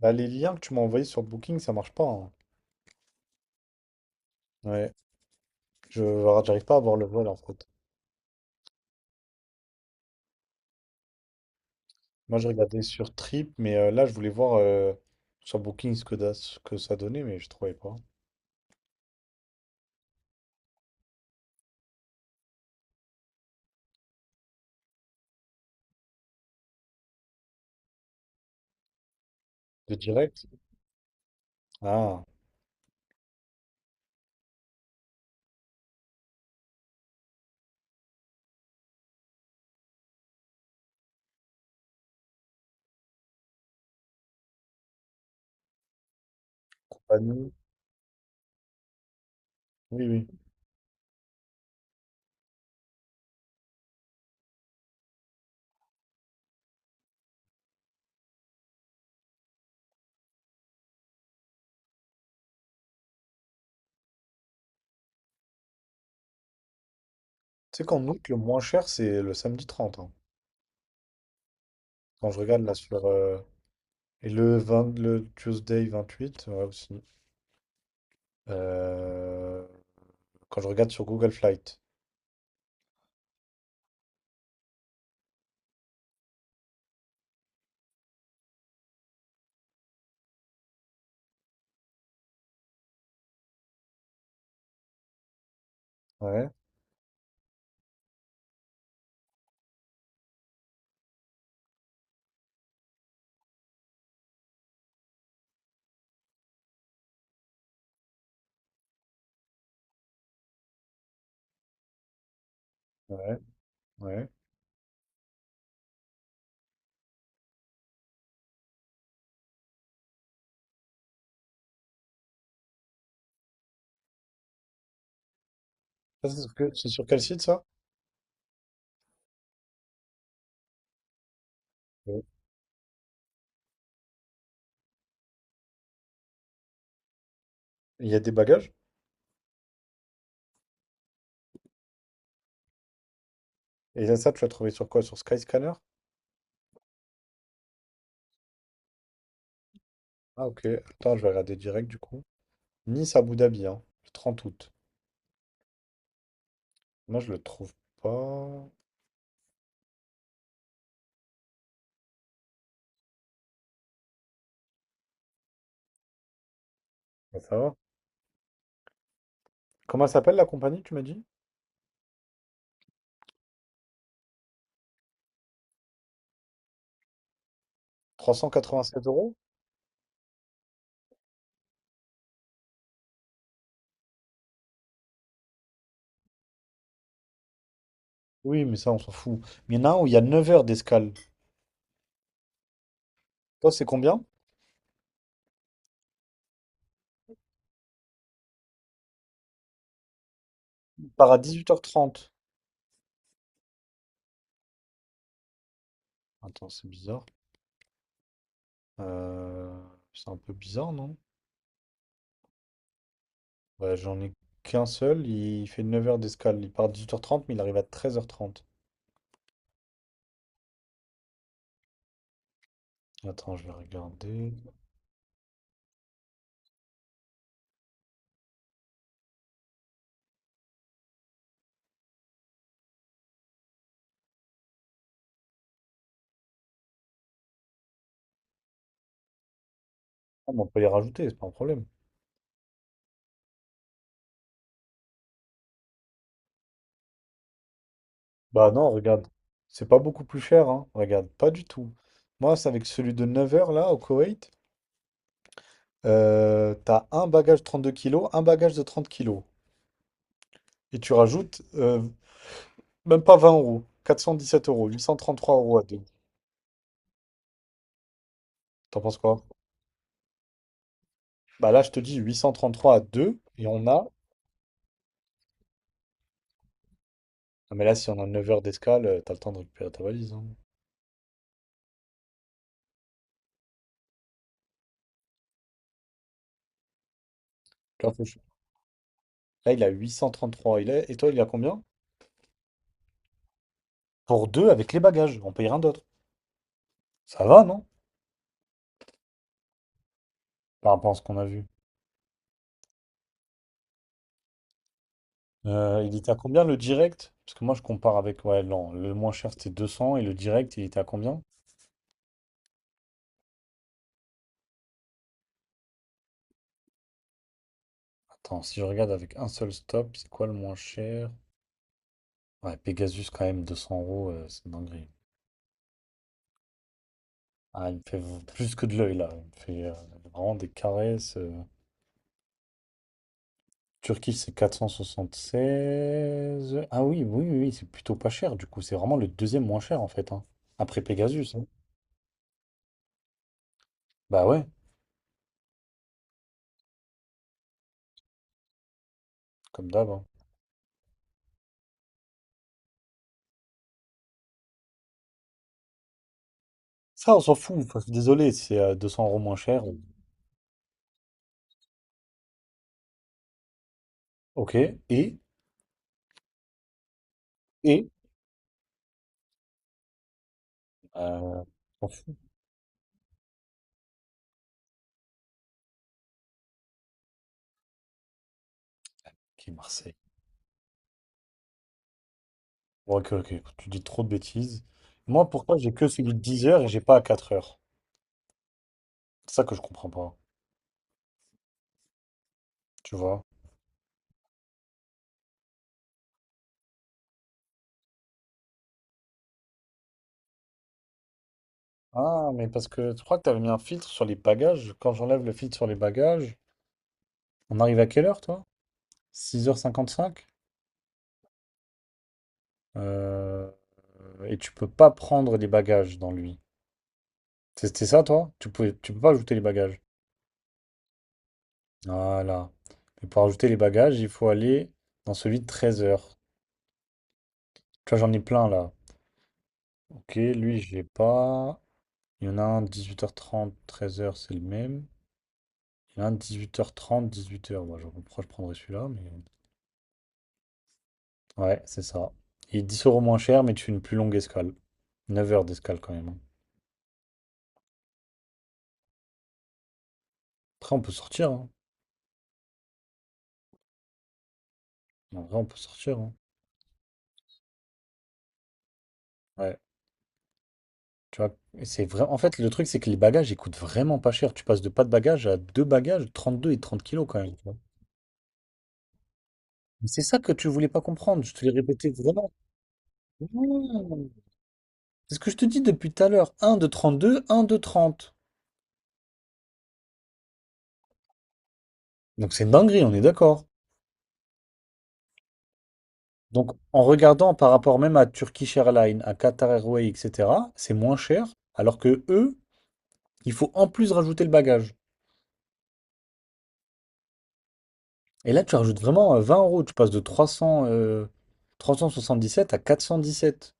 Bah, les liens que tu m'as envoyés sur Booking, ça marche pas, hein. Ouais, je enfin, j'arrive pas à voir le vol en fait. Moi, je regardais sur Trip, mais là, je voulais voir sur Booking ce que ça donnait, mais je trouvais pas. De direct? Ah, compagnie. Oui, oui. Tu sais qu'en août, le moins cher, c'est le samedi 30, hein. Quand je regarde là sur... Et le 20, le Tuesday 28, ouais aussi. Euh, Quand je regarde sur Google Flight. Ouais, ouais, ouais. Ça, c'est sur quel site, ça? Ouais. Il y a des bagages? Et là, ça, tu l'as trouvé sur quoi? Sur Skyscanner? Ah, ok. Attends, je vais regarder direct du coup. Nice Abu Dhabi, hein, le 30 août. Moi, je le trouve pas. Ouais, ça va. Comment elle s'appelle la compagnie, tu m'as dit? Trois cent quatre-vingt-sept euros? Oui, mais ça, on s'en fout. Mais il y en a un où il y a 9 heures d'escale. Toi, c'est combien? Il part à 18h30. Attends, c'est bizarre. Euh, C'est un peu bizarre, non? Ouais, j'en ai qu'un seul. Il fait 9 heures d'escale. Il part à 18h30, mais il arrive à 13h30. Attends, je vais regarder. Ah, mais on peut les rajouter, c'est pas un problème. Bah non, regarde. C'est pas beaucoup plus cher, hein. Regarde, pas du tout. Moi, c'est avec celui de 9 heures, là, au Koweït. T'as un bagage de 32 kilos, un bagage de 30 kilos. Et tu rajoutes même pas 20 euros. Quatre cent dix sept euros, 833 € à deux. T'en penses quoi? Bah là, je te dis 833 à deux. Et on a. Non, mais là, si on a 9 heures d'escale, t'as le temps de récupérer ta valise, hein. Tu vois, là, il a 833. Il est... Et toi, il a combien? Pour deux, avec les bagages. On paye rien d'autre. Ça va, non? Par rapport à ce qu'on a vu. Il était à combien le direct? Parce que moi je compare avec ouais, non, le moins cher c'était 200 et le direct il était à combien? Attends, si je regarde avec un seul stop, c'est quoi le moins cher? Ouais, Pegasus quand même, 200 euros, c'est une dinguerie. Ah, il me fait plus que de l'œil là, il me fait vraiment des caresses. Turquie c'est 16. Ah oui, oui, oui, oui, c'est plutôt pas cher du coup, c'est vraiment le deuxième moins cher en fait, hein. Après Pegasus, hein. Bah ouais, comme d'hab, hein. Ça on s'en fout, enfin, je suis désolé, c'est 200 € moins cher. Ok, et? Et euh, t'en fous, qui est Marseille. Bon, ok, ok, tu dis trop de bêtises. Moi, pourquoi j'ai que celui de 10 heures et j'ai pas à 4 heures. C'est ça que je comprends pas, tu vois. Ah, mais parce que je crois que t'avais mis un filtre sur les bagages. Quand j'enlève le filtre sur les bagages, on arrive à quelle heure, toi? 6h55? Euh, et tu peux pas prendre les bagages dans lui. C'était ça, toi? Tu peux pas ajouter les bagages. Voilà. Mais pour ajouter les bagages, il faut aller dans celui de 13 heures. Tu vois, j'en ai plein là. Ok, lui, j'ai pas. Il y en a un 18h30, 13h, c'est le même. Il y en a un 18h30, 18h. Moi, je pourquoi je prendrais celui-là, mais. Ouais, c'est ça. Il est 10 euros moins cher, mais tu fais une plus longue escale. 9 heures d'escale quand même, hein. Après, on peut sortir, hein. En vrai, on peut sortir, hein. Ouais. Tu vois, et c'est vrai. En fait, le truc, c'est que les bagages, ils coûtent vraiment pas cher. Tu passes de pas de bagages à deux bagages, 32 et 30 kilos quand même, tu vois. Mais c'est ça que tu voulais pas comprendre. Je te l'ai répété vraiment. Non. C'est ce que je te dis depuis tout à l'heure. Un de 32, un de 30. Donc c'est une dinguerie, on est d'accord. Donc en regardant par rapport même à Turkish Airlines, à Qatar Airways, etc., c'est moins cher, alors que eux, il faut en plus rajouter le bagage. Et là, tu rajoutes vraiment 20 euros, tu passes de 300, 377 à 417.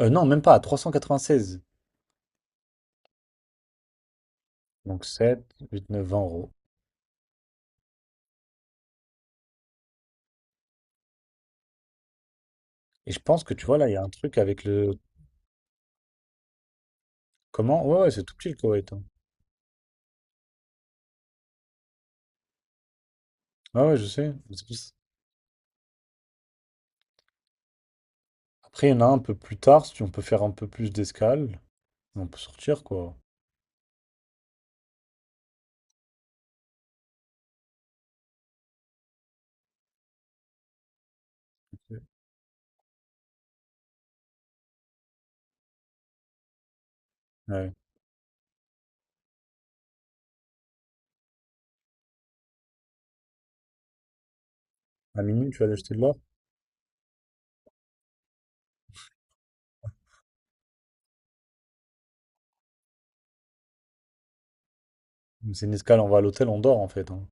Non, même pas, à 396. Donc sept, huit, neuf, 20 euros. Et je pense que tu vois, là, il y a un truc avec le... Comment? Ouais, ouais, c'est tout petit le Koweït, hein. Ouais, ouais, je sais. C'est pour ça. Après, il y en a un peu plus tard, si on peut faire un peu plus d'escale, on peut sortir, quoi. Ouais. À minuit, tu vas l'acheter de l'or? Mais c'est une escale, on va à l'hôtel, on dort en fait, hein.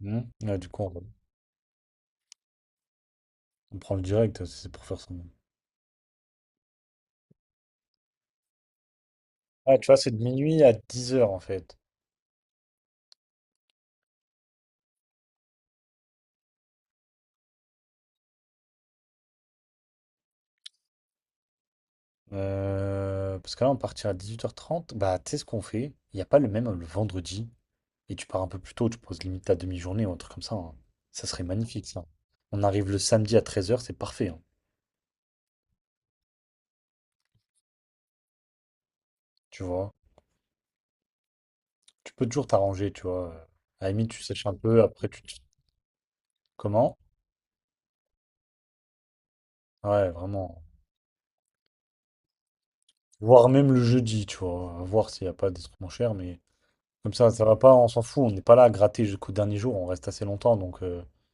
Hmm. Ouais, du coup, on prend le direct, si c'est pour faire ça. Ah, tu vois, c'est de minuit à 10 heures en fait. Parce que là, on partira à 18h30. Bah, tu sais ce qu'on fait? Il n'y a pas le même le vendredi. Et tu pars un peu plus tôt, tu poses limite ta demi-journée ou un truc comme ça, hein. Ça serait magnifique ça. On arrive le samedi à 13 heures, c'est parfait, hein. Tu vois? Tu peux toujours t'arranger, tu vois. À la limite, tu sèches un peu, après tu... Comment? Ouais, vraiment. Voire même le jeudi, tu vois. À voir s'il n'y a pas des trucs moins chers, mais comme ça va pas, on s'en fout. On n'est pas là à gratter jusqu'au dernier jour, on reste assez longtemps, donc tu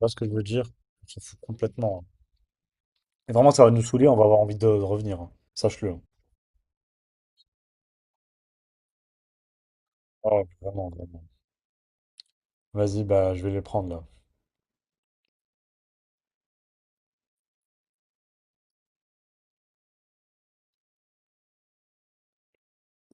vois ce que je veux dire? On s'en fout complètement, hein. Et vraiment, ça va nous saouler, on va avoir envie de revenir, hein. Sache-le, hein. Ah ouais, vraiment, vraiment. Vas-y, bah je vais les prendre là.